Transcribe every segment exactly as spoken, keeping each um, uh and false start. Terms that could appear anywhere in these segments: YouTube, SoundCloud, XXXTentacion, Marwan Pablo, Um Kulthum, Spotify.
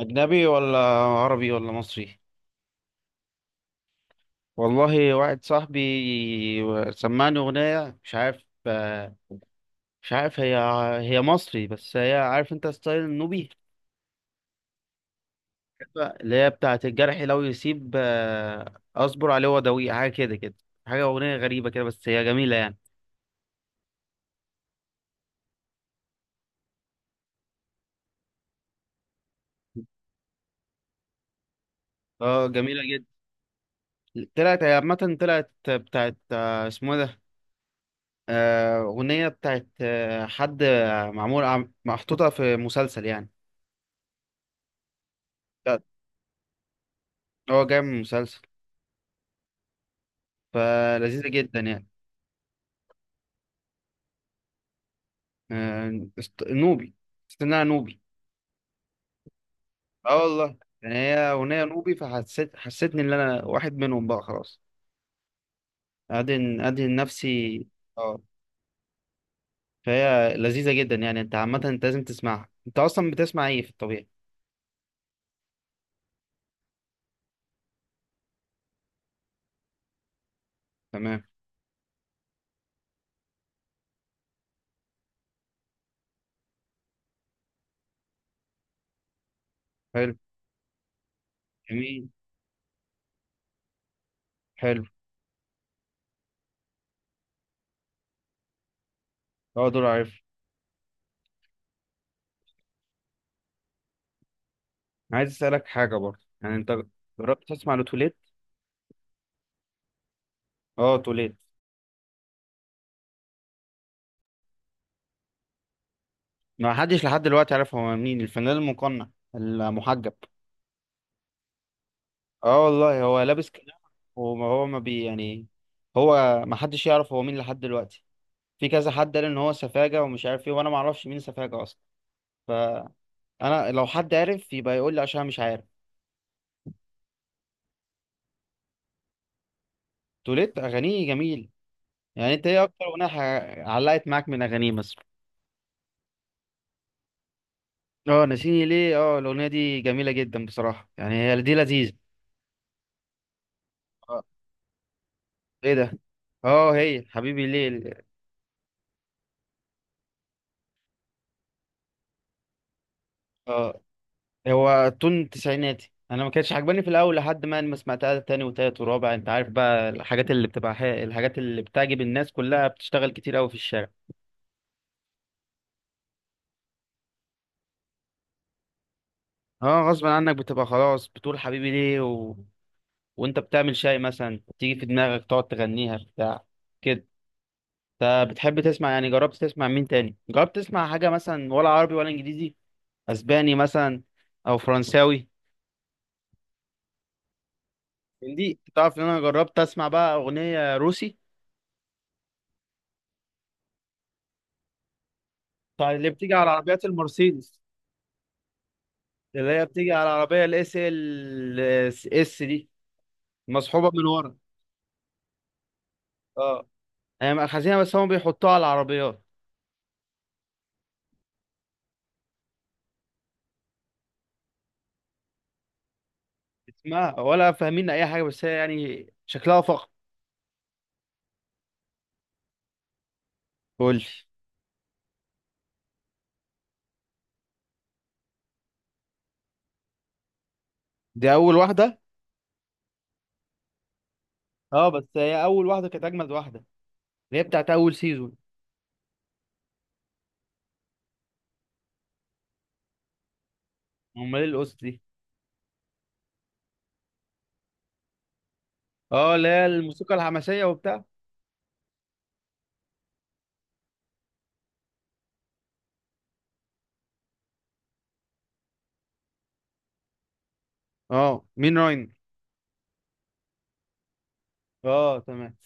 أجنبي ولا عربي ولا مصري؟ والله، واحد صاحبي سمعني أغنية. مش عارف مش عارف هي هي مصري، بس هي، عارف أنت ستايل النوبي، اللي هي بتاعة الجرح لو يسيب آه، أصبر عليه وداويه، حاجة كده كده. حاجة، أغنية غريبة كده، بس هي جميلة يعني. اه، جميلة جدا. طلعت، هي عامة طلعت بتاعت آه، اسمه إيه ده، آه، أغنية بتاعت آه، حد معمول عم- محطوطة في مسلسل يعني. اه جاي من مسلسل. فلذيذة جدا يعني. آه، است- نوبي. حسيت إن أنا نوبي. اه والله، يعني هي أغنية نوبي، فحسيت حسيتني إن أنا واحد منهم بقى خلاص. أدهن أدهن نفسي. اه. فهي لذيذة جدا يعني. أنت عامة، أنت لازم تسمعها. أنت أصلا بتسمع إيه في الطبيعي؟ تمام. حلو. جميل. حلو. اه، دول عارف. عايز أسألك حاجة برضه يعني. أنت جربت تسمع لتوليت؟ اه، توليت. ما حدش لحد دلوقتي عارف هو مين، الفنان المقنع المحجب. اه والله، هو لابس كلام. وما هو ما بي يعني. هو ما حدش يعرف هو مين لحد دلوقتي. في كذا حد قال ان هو سفاجة ومش عارف ايه، وانا ما اعرفش مين سفاجة اصلا. فانا، لو حد عارف يبقى يقول لي، عشان أنا مش عارف. توليت اغانيه جميل. يعني انت ايه اكتر اغنية ح- علقت معاك من اغانيه مثلا؟ اه ناسيني ليه، اه الاغنية دي جميلة جدا بصراحة، يعني هي دي لذيذة. آه، ايه ده؟ اه، هي حبيبي ليه. اه، هو تون تسعيناتي. انا ما كانتش عجباني في الاول، لحد ما ما سمعتها تاني وتالت ورابع. انت عارف بقى، الحاجات اللي بتبقى حي... الحاجات اللي بتعجب الناس كلها بتشتغل كتير قوي في الشارع. اه غصب عنك، بتبقى خلاص بتقول حبيبي ليه. و... وانت بتعمل شاي مثلا تيجي في دماغك تقعد تغنيها، بتاع كده. انت بتحب تسمع يعني، جربت تسمع مين تاني؟ جربت تسمع حاجة مثلا، ولا عربي ولا انجليزي، اسباني مثلا او فرنساوي؟ من دي تعرف ان انا جربت اسمع بقى اغنية روسي. طيب، اللي بتيجي على عربيات المرسيدس، اللي هي بتيجي على العربية الاس ال اس دي، مصحوبه من ورا. اه، هي مأخذينها، بس هم بيحطوها على العربيات. اسمها ولا فاهمين اي حاجة، بس هي يعني شكلها فخم. قول لي. دي اول واحده. اه، بس هي اول واحدة كانت اجمد واحدة، اللي هي بتاعت اول سيزون. امال ايه القصة دي؟ اه، اللي هي الموسيقى الحماسية وبتاع. اه، مين راين؟ اه تمام.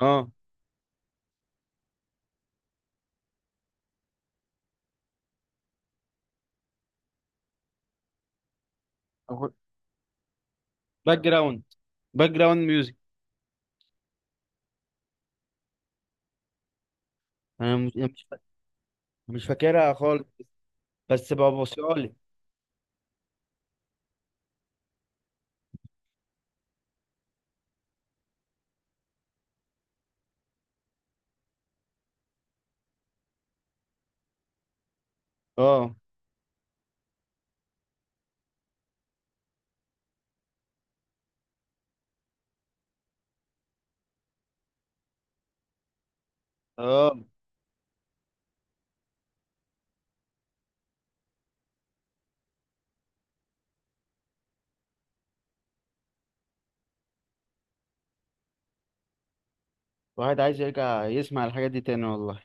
اه. أخو- باك جراوند باك جراوند ميوزك. انا مش مش مش فاكرها خالص، بس ببصيها لي. اه، اه. واحد عايز يرجع يسمع الحاجات دي تاني والله.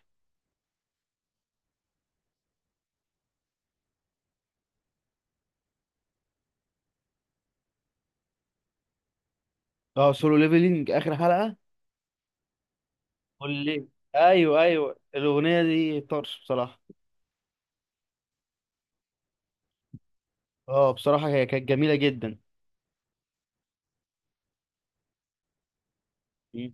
اه سولو ليفلينج، اخر حلقة. قول لي. ايوه، ايوه، الاغنية دي طرش بصراحة. اه بصراحة، هي كانت جميلة جدا. مم.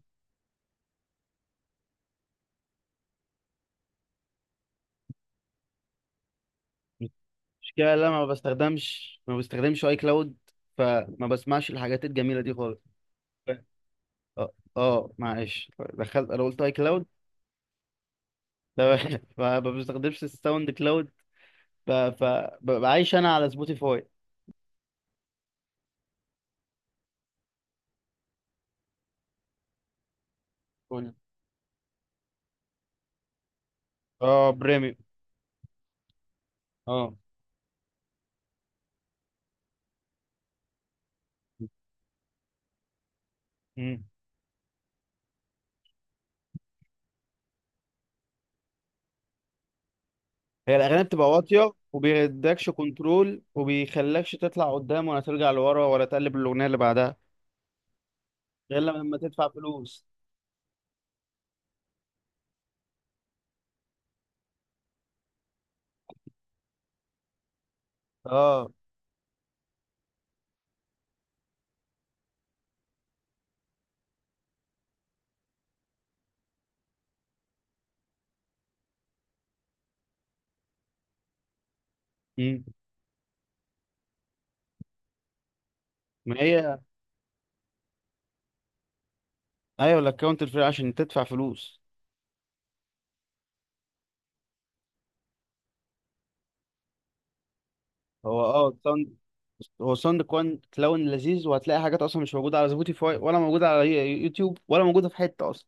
المشكلة إن انا ما بستخدمش ما بستخدمش اي كلاود، فما بسمعش الحاجات الجميلة دي خالص. اه، اه، معلش، دخلت انا قلت اي كلاود. فما بستخدمش الساوند كلاود. ف- ف- ببقى عايش انا على سبوتيفاي. قول. اه، بريميوم. اه، هي الاغاني بتبقى واطيه، وبيدكش كنترول، وبيخلكش تطلع قدام ولا ترجع لورا ولا تقلب الاغنيه اللي بعدها. غير لما تدفع فلوس. اه. امم. ما هي. ايوه، الاكونت الفري، عشان تدفع فلوس. هو اه ساوند هو ساوند كوان كلاون لذيذ، وهتلاقي حاجات اصلا مش موجوده على سبوتيفاي، ولا موجوده على يو- يوتيوب، ولا موجوده في حته اصلا.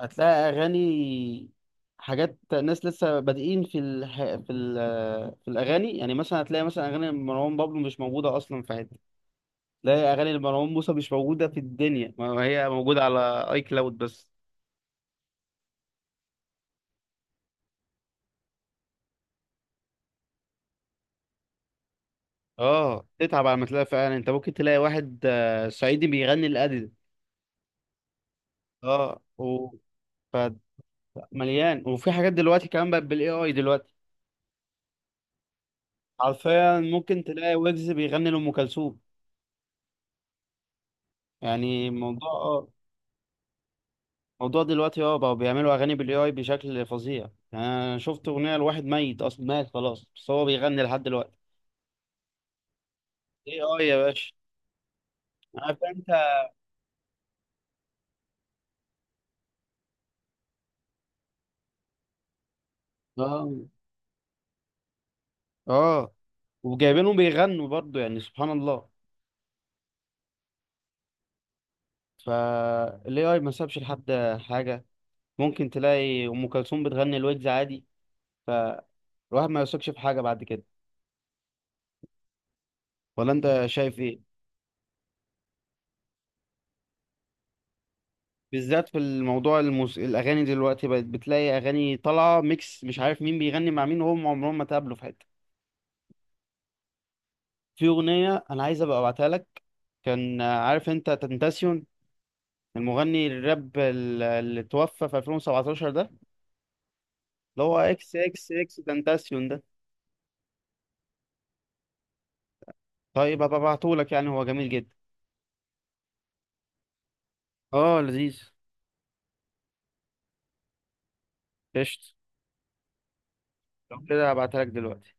هتلاقي اغاني، حاجات، ناس لسه بادئين في الح... في ال... في الاغاني. يعني مثلا هتلاقي مثلا اغاني مروان بابلو مش موجوده اصلا في حته. لا، يا اغاني لمروان موسى مش موجوده في الدنيا، ما هي موجوده على اي كلاود بس. اه، تتعب على ما تلاقي فعلا. انت ممكن تلاقي واحد آه، صعيدي بيغني الادل. اه. و ف- مليان. وفي حاجات دلوقتي كمان بقت بالاي اي دلوقتي. حرفيا ممكن تلاقي ويجز بيغني لام كلثوم. يعني موضوع اه موضوع دلوقتي، اه، بقوا بيعملوا اغاني بالاي اي بشكل فظيع. يعني انا شفت اغنيه لواحد ميت اصلا، مات خلاص، بس هو بيغني لحد دلوقتي. اي اي يا باشا. عارف انت. اه، اه، وجايبينهم بيغنوا برضو يعني، سبحان الله. فالاي اي ما سابش لحد حاجه. ممكن تلاقي ام كلثوم بتغني الويجز عادي. فالواحد ما يثقش في حاجه بعد كده. ولا انت شايف ايه؟ بالذات في الموضوع، الموس... الاغاني دلوقتي بقت، بتلاقي اغاني طالعه ميكس، مش عارف مين بيغني مع مين، وهم عمرهم ما تقابلوا في حته. في اغنيه انا عايز ابقى ابعتها لك. كان عارف انت تنتاسيون، المغني الراب ال- اللي توفى في ألفين وسبعة عشر ده، اللي هو اكس اكس اكس تنتاسيون ده. طيب، هبقى ابعتهولك، يعني هو جميل جدا. اه لذيذ. قشطة. لو كده هبعتها لك دلوقتي.